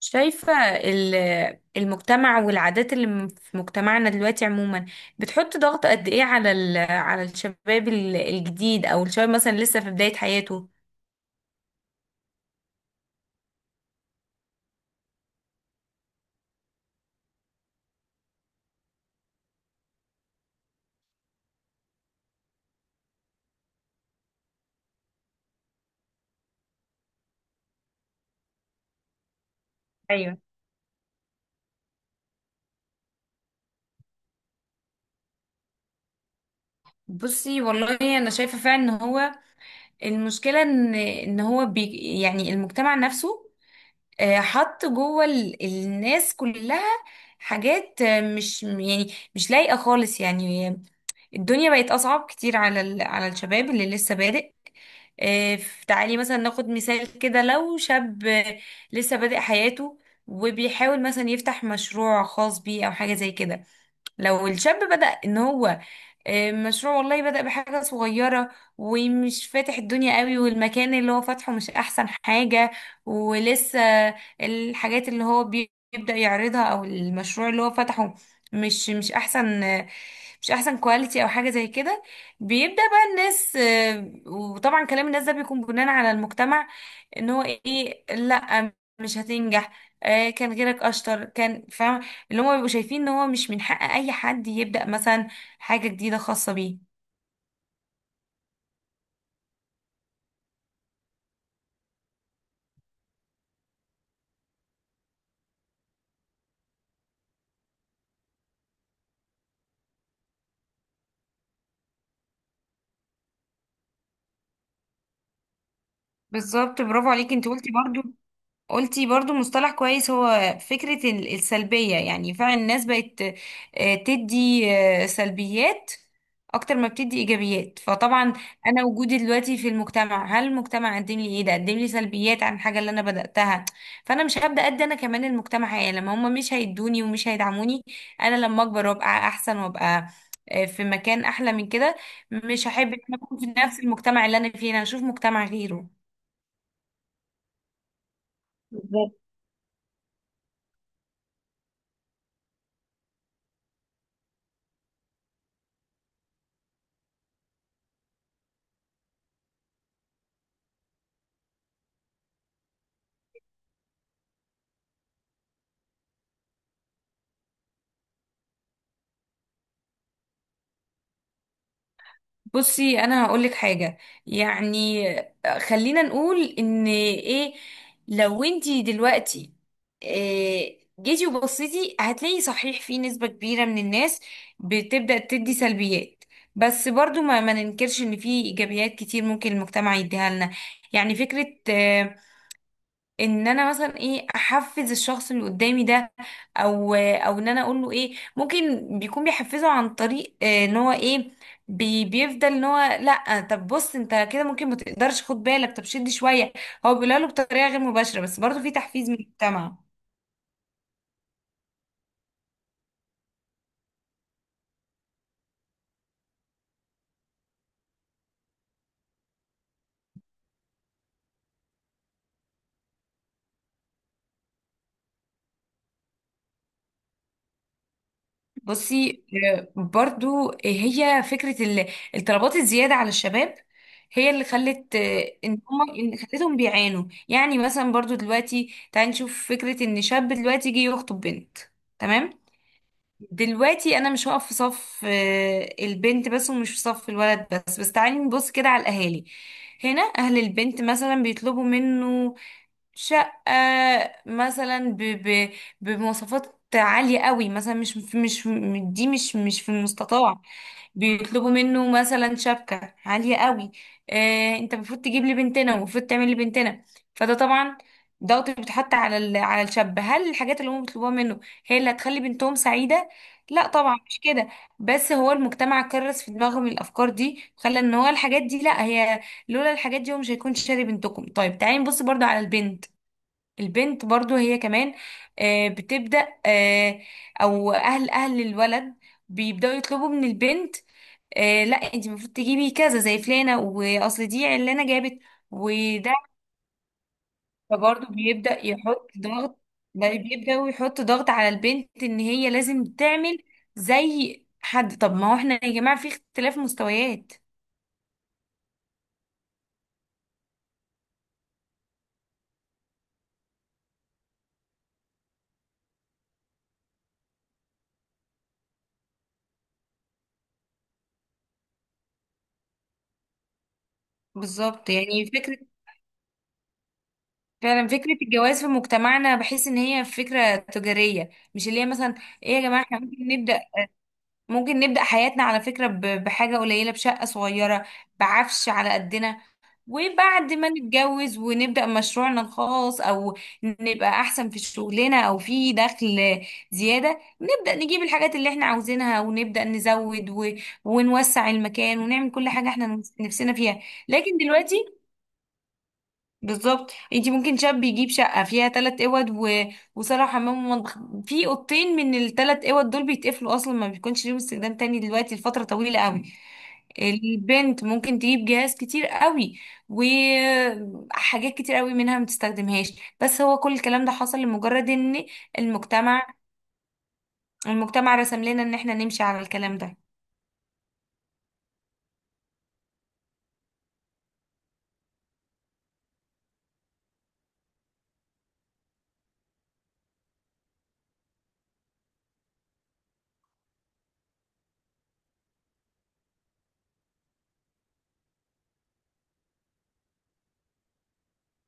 شايفة المجتمع والعادات اللي في مجتمعنا دلوقتي عموما، بتحط ضغط قد ايه على على الشباب الجديد، او الشباب مثلا لسه في بداية حياته. ايوه. بصي والله انا شايفه فعلا ان هو المشكله ان هو يعني المجتمع نفسه، حط جوه الناس كلها حاجات مش يعني مش لايقه خالص يعني. الدنيا بقت اصعب كتير على على الشباب اللي لسه بادئ، تعالي مثلا ناخد مثال كده. لو شاب لسه بادئ حياته وبيحاول مثلا يفتح مشروع خاص بيه او حاجة زي كده، لو الشاب بدأ ان هو مشروع، والله بدأ بحاجة صغيرة ومش فاتح الدنيا قوي، والمكان اللي هو فاتحه مش احسن حاجة، ولسه الحاجات اللي هو بيبدأ يعرضها او المشروع اللي هو فتحه مش مش احسن آه، مش احسن كواليتي او حاجة زي كده، بيبدأ بقى الناس وطبعا كلام الناس ده بيكون بناء على المجتمع، ان هو ايه، لا مش هتنجح، كان غيرك اشطر، كان فاهم، اللي هم بيبقوا شايفين ان هو مش من حق اي حد يبدأ مثلا حاجة جديدة خاصة بيه. بالظبط، برافو عليكي، انت قلتي برضو مصطلح كويس، هو فكرة السلبية. يعني فعلا الناس بقت تدي سلبيات أكتر ما بتدي إيجابيات، فطبعا أنا وجودي دلوقتي في المجتمع، هل المجتمع قدم لي إيه؟ ده قدم لي سلبيات عن الحاجة اللي أنا بدأتها، فأنا مش هبدأ أدي أنا كمان المجتمع حاجة لما هم مش هيدوني ومش هيدعموني. أنا لما أكبر وأبقى أحسن وأبقى في مكان أحلى من كده، مش هحب إن أنا أكون في نفس المجتمع اللي أنا فيه، أنا هشوف مجتمع غيره. بصي، انا هقول لك حاجه. يعني خلينا نقول ان ايه، لو انتي دلوقتي إيه جيتي وبصيتي، هتلاقي صحيح في نسبه كبيره من الناس بتبدا تدي سلبيات، بس برضو ما ننكرش ان في ايجابيات كتير ممكن المجتمع يديها لنا. يعني فكره، ان انا مثلا ايه احفز الشخص اللي قدامي ده، او ان انا اقول له ايه ممكن بيكون بيحفزه عن طريق ان هو ايه، بيفضل ان هو لا، طب بص انت كده ممكن ما تقدرش، خد بالك، طب شد شويه، هو بيقولها له بطريقه غير مباشره، بس برضه في تحفيز من المجتمع. بصي، برضو هي فكرة الطلبات الزيادة على الشباب، هي اللي خلت ان هم إن خلتهم بيعانوا. يعني مثلا برضو دلوقتي تعالي نشوف فكرة ان شاب دلوقتي يجي يخطب بنت. تمام، دلوقتي انا مش هقف في صف البنت بس ومش في صف الولد بس تعالي نبص كده على الاهالي. هنا اهل البنت مثلا بيطلبوا منه شقة، مثلا ب ب بمواصفات عالية قوي، مثلا مش دي مش في المستطاع، بيطلبوا منه مثلا شبكة عالية قوي، انت المفروض تجيب لي بنتنا ومفروض تعمل لي بنتنا. فده طبعا ضغط بيتحط على على الشاب. هل الحاجات اللي هم بيطلبوها منه هي اللي هتخلي بنتهم سعيدة؟ لا طبعا مش كده، بس هو المجتمع كرس في دماغهم الافكار دي، خلى ان هو الحاجات دي، لا هي، لولا الحاجات دي هو مش هيكون شاري بنتكم. طيب تعالي نبص برضو على البنت. البنت برضو هي كمان بتبدأ، او اهل الولد بيبدأوا يطلبوا من البنت، لا انت المفروض تجيبي كذا زي فلانة، واصل دي علانة جابت، وده برضو بيبدأ يحط ضغط، بقى بيبدأ يحط ضغط على البنت ان هي لازم تعمل زي حد. طب ما هو احنا يا جماعة في اختلاف مستويات. بالظبط. يعني فعلا فكرة الجواز في مجتمعنا بحس ان هي فكرة تجارية، مش اللي هي مثلا، ايه يا جماعة، احنا ممكن نبدأ حياتنا على فكرة بحاجة قليلة، بشقة صغيرة، بعفش على قدنا، وبعد ما نتجوز ونبدأ مشروعنا الخاص، أو نبقى أحسن في شغلنا أو في دخل زيادة، نبدأ نجيب الحاجات اللي احنا عاوزينها، ونبدأ نزود و... ونوسع المكان، ونعمل كل حاجة احنا نفسنا فيها. لكن دلوقتي، بالظبط، انتي ممكن شاب يجيب شقة فيها تلات اوض و... وصالة وحمام ومطبخ، في اوضتين من التلات اوض دول بيتقفلوا اصلا، ما بيكونش ليهم استخدام تاني دلوقتي لفترة طويلة قوي. البنت ممكن تجيب جهاز كتير قوي، وحاجات كتير قوي منها ما تستخدمهاش، بس هو كل الكلام ده حصل لمجرد ان المجتمع المجتمع رسم لنا ان احنا نمشي على الكلام ده.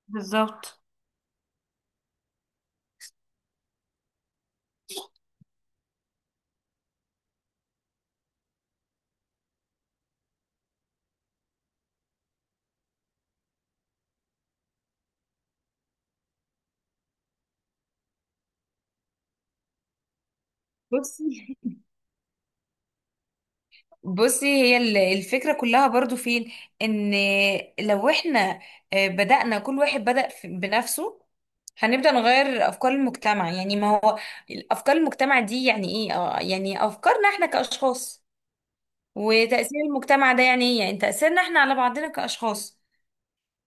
بالظبط. بصي بصي هي الفكرة كلها برضو فين، ان لو احنا بدأنا، كل واحد بدأ بنفسه، هنبدأ نغير أفكار المجتمع. يعني ما هو أفكار المجتمع دي يعني إيه؟ يعني أفكارنا إحنا كأشخاص. وتأثير المجتمع ده يعني إيه؟ يعني تأثيرنا إحنا على بعضنا كأشخاص.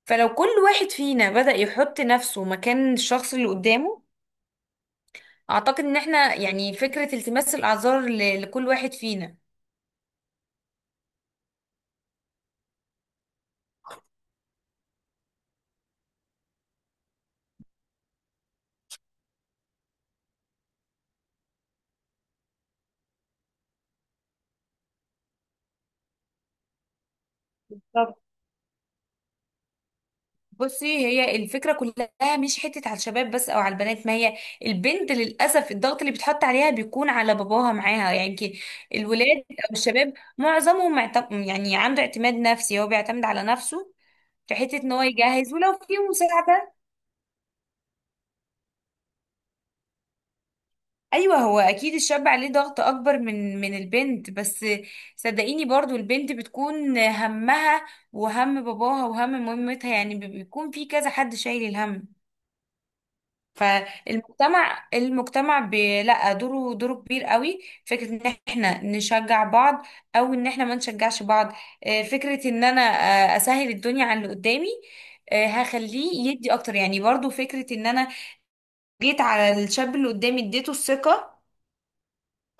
فلو كل واحد فينا بدأ يحط نفسه مكان الشخص اللي قدامه، أعتقد إن إحنا يعني فكرة التماس الأعذار لكل واحد فينا. بصي، هي الفكرة كلها مش حتة على الشباب بس أو على البنات، ما هي البنت للأسف الضغط اللي بيتحط عليها بيكون على باباها معاها يعني الولاد أو الشباب معظمهم يعني عنده اعتماد نفسي، هو بيعتمد على نفسه في حتة إن هو يجهز ولو في مساعدة. أيوه، هو أكيد الشاب عليه ضغط أكبر من البنت، بس صدقيني برضو البنت بتكون همها وهم باباها وهم مامتها، يعني بيكون في كذا حد شايل الهم. فالمجتمع لا، دوره كبير قوي. فكرة ان احنا نشجع بعض او ان احنا ما نشجعش بعض، فكرة ان انا اسهل الدنيا على اللي قدامي، هخليه يدي اكتر. يعني برضو فكرة ان انا جيت على الشاب اللي قدامي اديته الثقة،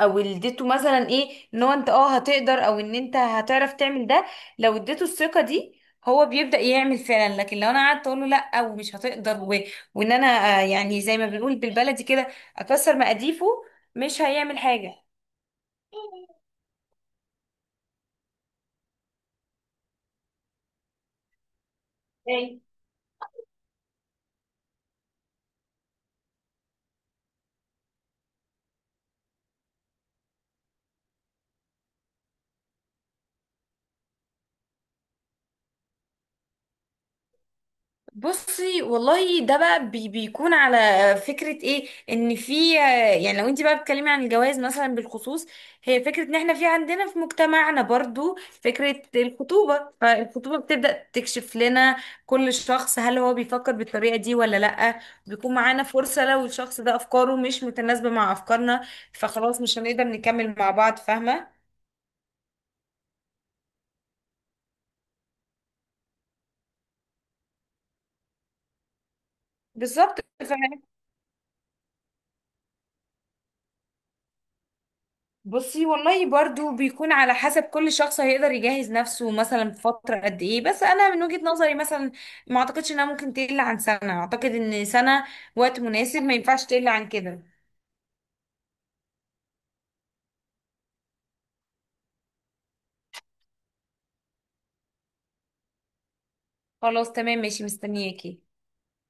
او اديته مثلا ايه ان هو انت هتقدر، او ان انت هتعرف تعمل ده. لو اديته الثقه دي هو بيبدا يعمل فعلا، لكن لو انا قعدت اقول له لا ومش هتقدر و... وان انا يعني زي ما بنقول بالبلدي كده، اكسر مقاديفه، مش هيعمل حاجه. بصي والله، ده بقى بيكون على فكرة ايه ان في، يعني لو انت بقى بتتكلمي عن الجواز مثلا بالخصوص، هي فكرة ان احنا في عندنا في مجتمعنا برضو فكرة الخطوبة، فالخطوبة بتبدأ تكشف لنا كل شخص هل هو بيفكر بالطريقة دي ولا لأ. بيكون معانا فرصة لو الشخص ده افكاره مش متناسبة مع افكارنا، فخلاص مش هنقدر نكمل مع بعض، فاهمة؟ بالظبط. بصي والله برضو بيكون على حسب كل شخص هيقدر يجهز نفسه مثلا في فترة قد ايه، بس انا من وجهة نظري مثلا ما اعتقدش انها ممكن تقل عن سنة، اعتقد ان سنة وقت مناسب، ما ينفعش تقل عن كده. خلاص، تمام، ماشي، مستنياكي.